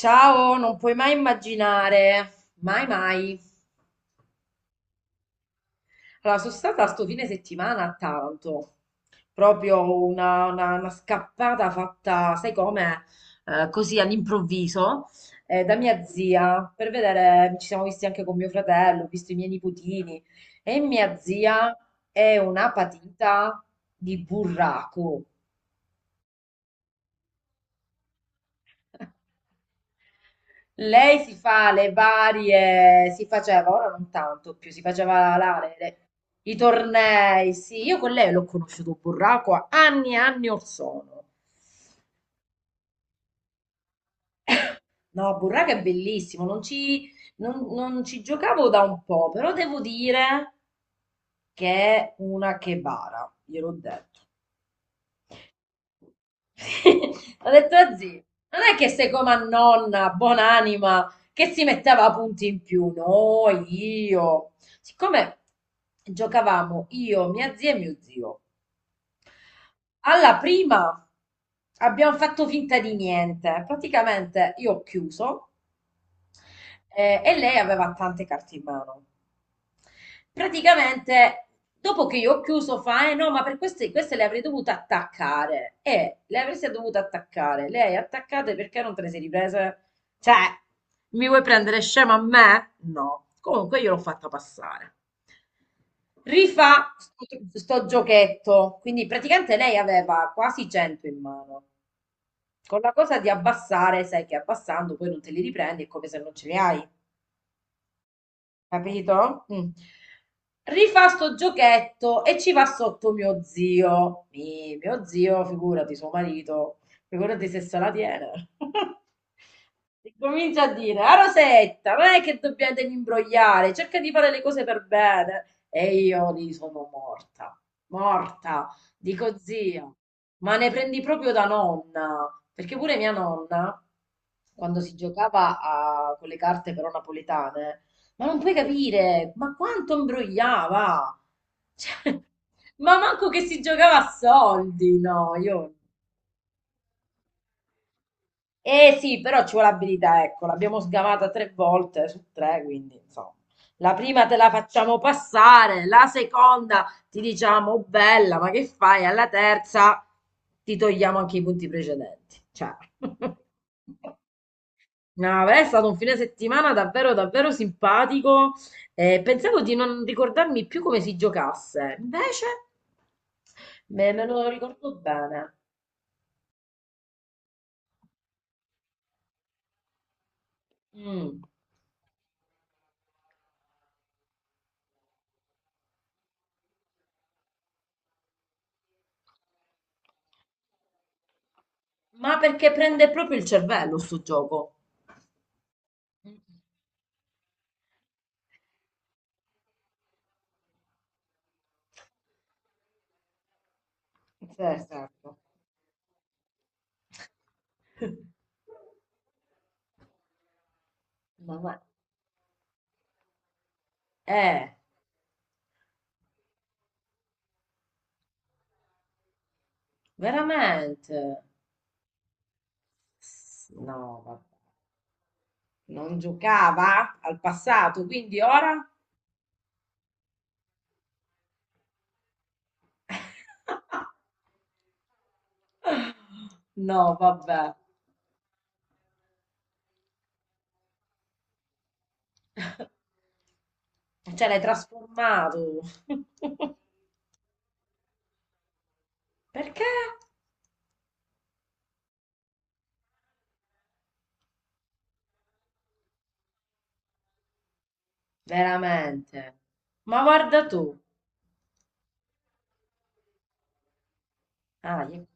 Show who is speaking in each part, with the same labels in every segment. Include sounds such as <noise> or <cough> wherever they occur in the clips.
Speaker 1: Ciao, non puoi mai immaginare, mai mai. Allora, sono stata sto fine settimana a Taranto, proprio una scappata fatta, sai come, così all'improvviso, da mia zia, per vedere, ci siamo visti anche con mio fratello, ho visto i miei nipotini, e mia zia è una patita di burraco. <laughs> Lei si fa le varie, si faceva, ora non tanto più, si faceva i tornei, sì, io con lei l'ho conosciuto Burraco a anni e anni or sono. No, Burraco è bellissimo, non ci giocavo da un po', però devo dire che è una chebara, gliel'ho detto. Ho detto a zio, non è che sei come a nonna, buon'anima, che si metteva a punti in più. No, io. Siccome giocavamo io, mia zia e mio zio, alla prima abbiamo fatto finta di niente. Praticamente io ho chiuso e lei aveva tante carte in mano. Praticamente, dopo che io ho chiuso, fa, eh no, ma per queste le avrei dovute attaccare. E le avresti dovute attaccare. Lei attaccate perché non te le sei riprese? Cioè, mi vuoi prendere scema a me? No. Comunque io l'ho fatta passare. Rifà sto giochetto. Quindi praticamente lei aveva quasi 100 in mano. Con la cosa di abbassare, sai che abbassando poi non te li riprendi, è come se non ce li hai. Capito? Mm. Rifà sto giochetto e ci va sotto mio zio. Mio zio, figurati, suo marito, figurati se se la tiene. <laughs> E comincia a dire, a Rosetta, non è che dobbiamo devi imbrogliare, cerca di fare le cose per bene. E io lì sono morta, morta. Dico, zia, ma ne prendi proprio da nonna, perché pure mia nonna, quando si giocava con le carte però napoletane, ma non puoi capire, ma quanto imbrogliava! Cioè, ma manco che si giocava a soldi, no, io. Eh sì, però ci vuole abilità, ecco, l'abbiamo sgamata tre volte su tre, quindi insomma. La prima te la facciamo passare, la seconda ti diciamo "Oh, bella, ma che fai?" Alla terza ti togliamo anche i punti precedenti. Cioè. <laughs> No, beh, è stato un fine settimana davvero, davvero simpatico. Pensavo di non ricordarmi più come si giocasse, invece me lo ricordo bene. Mm. Ma perché prende proprio il cervello sto gioco? Mm. Sì, certo. <laughs> No, ma. Eh, veramente? No, vabbè. Non giocava al passato, quindi ora? <laughs> No, vabbè. Cioè, l'hai trasformato. <laughs> Perché? Veramente. Ma guarda tu. Ah,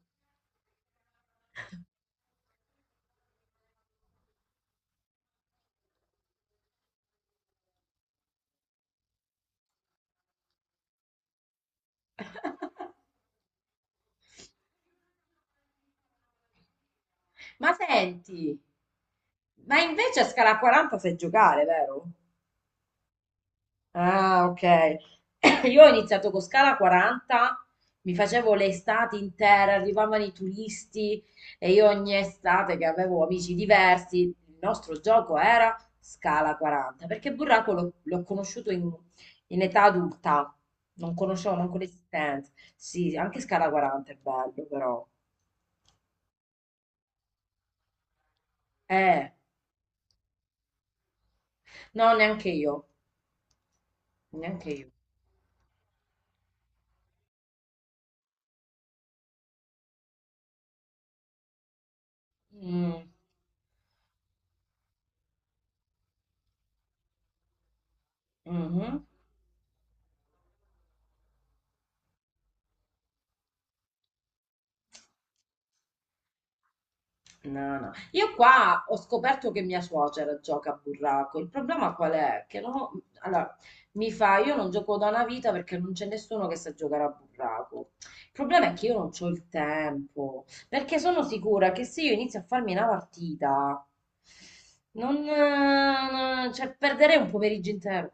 Speaker 1: <laughs> Ma senti, ma invece a scala 40 sai giocare, vero? Ah, ok. <clears throat> <coughs> Io ho iniziato con Scala 40, mi facevo le estati intere, arrivavano i turisti e io ogni estate che avevo amici diversi, il nostro gioco era Scala 40, perché Burraco l'ho conosciuto in età adulta, non conoscevo manco l'esistenza. Sì, anche Scala 40 è bello però. Eh, no, neanche io, neanche io. Mm, mhm. No, no. Io qua ho scoperto che mia suocera gioca a burraco. Il problema qual è? Che no, allora, mi fa, io non gioco da una vita perché non c'è nessuno che sa giocare a burraco. Il problema è che io non ho il tempo, perché sono sicura che se io inizio a farmi una partita, cioè, perderei un pomeriggio intero.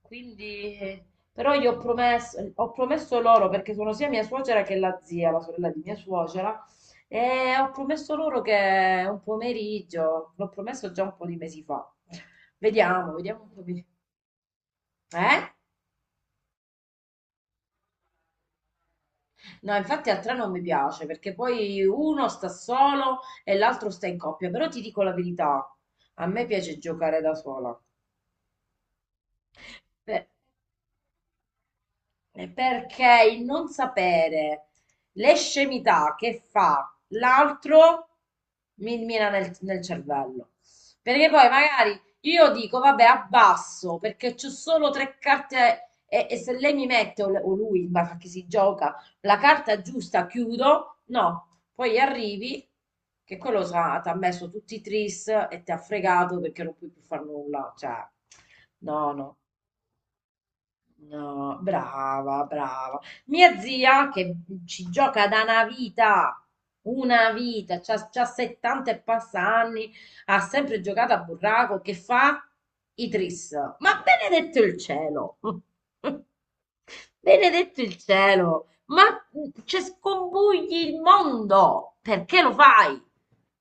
Speaker 1: Quindi, però io ho promesso loro, perché sono sia mia suocera che la zia, la sorella di mia suocera, e ho promesso loro che un pomeriggio, l'ho promesso già un po' di mesi fa. Vediamo, vediamo un po' di. Eh? No, infatti a tre non mi piace, perché poi uno sta solo e l'altro sta in coppia, però ti dico la verità, a me piace giocare da sola. Beh, perché il non sapere le scemità che fa l'altro mi mina nel cervello. Perché poi magari io dico, vabbè, abbasso perché c'ho solo tre carte e se lei mi mette o lui, ma che si gioca, la carta giusta, chiudo. No, poi arrivi che quello ti ha messo tutti i tris e ti ha fregato perché non puoi più fare nulla. Cioè, no, no. No, brava, brava. Mia zia che ci gioca da una vita, c'ha 70 e passa anni, ha sempre giocato a burraco, che fa? I tris. Ma benedetto il cielo! <laughs> Benedetto il cielo! Ma ci scombugli il mondo! Perché lo fai?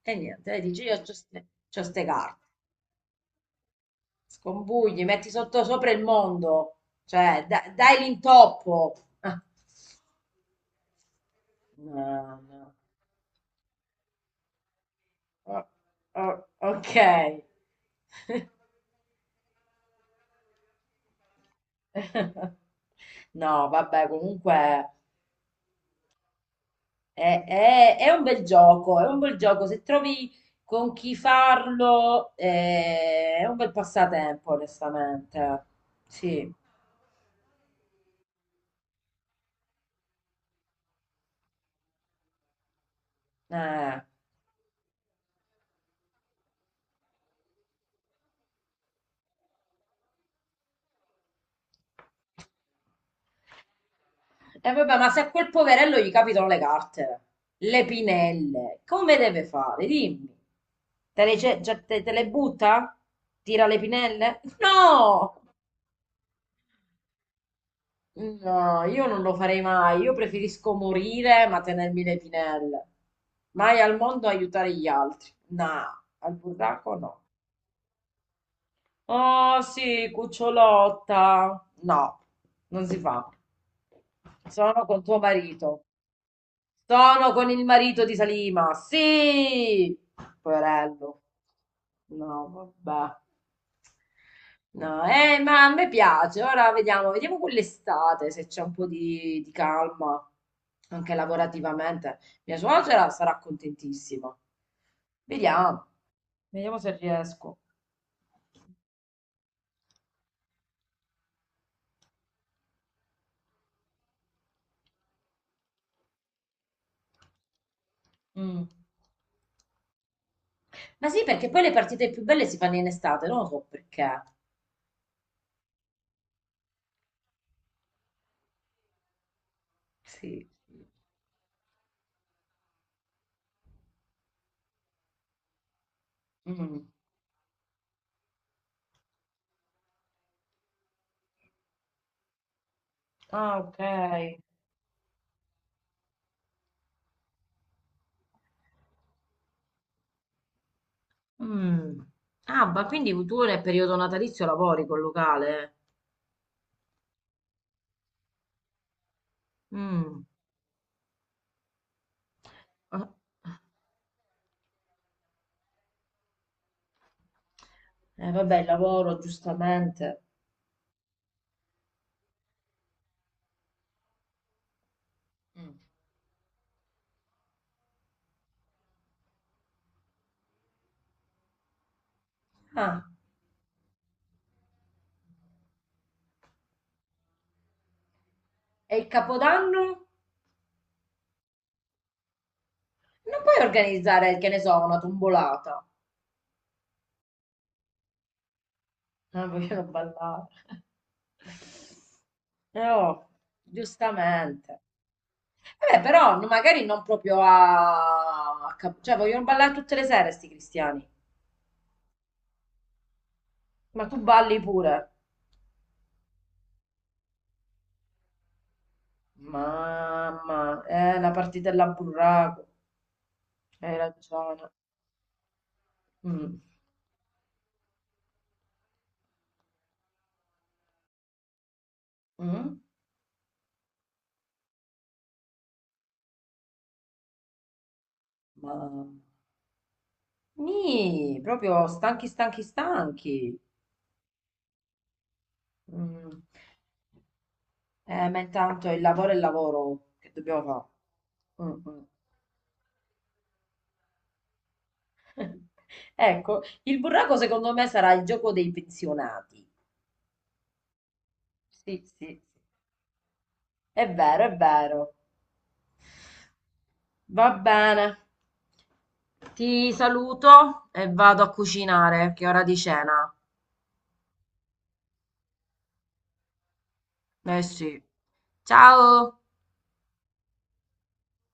Speaker 1: E niente, dici io c'ho ste carte. Scombugli, metti sotto sopra il mondo, cioè dai l'intoppo. Ah, no, no. Oh, oh, ok. <laughs> No, vabbè, comunque è un bel gioco, è un bel gioco. Se trovi con chi farlo, è un bel passatempo, onestamente. Sì. Eh. E vabbè, ma se a quel poverello gli capitano le carte, le pinelle, come deve fare? Dimmi. Te le, ce- già- te- te le butta? Tira le pinelle? No! No, io non lo farei mai. Io preferisco morire ma tenermi le pinelle. Mai al mondo aiutare gli altri. No, al burraco no. Oh sì, cucciolotta. No, non si fa. Sono con tuo marito. Sono con il marito di Salima. Sì! Poverello. No, vabbè. No, ma a me piace. Ora vediamo, vediamo con l'estate se c'è un po' di calma, anche lavorativamente. Mia suocera sarà contentissima. Vediamo, vediamo se riesco. Mm. Ma sì, perché poi le partite più belle si fanno in estate, non lo so perché. Sì. Mm. Ah, ok. Mm. Ah, ma quindi tu nel periodo natalizio lavori col locale? Mm. Ah. Vabbè, il lavoro, giustamente. Mm. Ah, e il capodanno? Non puoi organizzare, che ne so, una tombolata. Ah, vogliono ballare. Oh, giustamente. Vabbè, però magari non proprio cioè, vogliono ballare tutte le sere, sti cristiani. Ma tu balli pure. Mamma, la partitella a burraco. Hai ragione. Mm. Mm. Mamma. Nì, proprio stanchi, stanchi, stanchi. Mm. Ma intanto il lavoro è il lavoro che dobbiamo fare. Mm, mm. <laughs> Ecco, il burraco secondo me sarà il gioco dei pensionati. Sì, sì, è vero, è vero. Va bene, ti saluto e vado a cucinare, che è ora di cena. Eh sì. Ciao!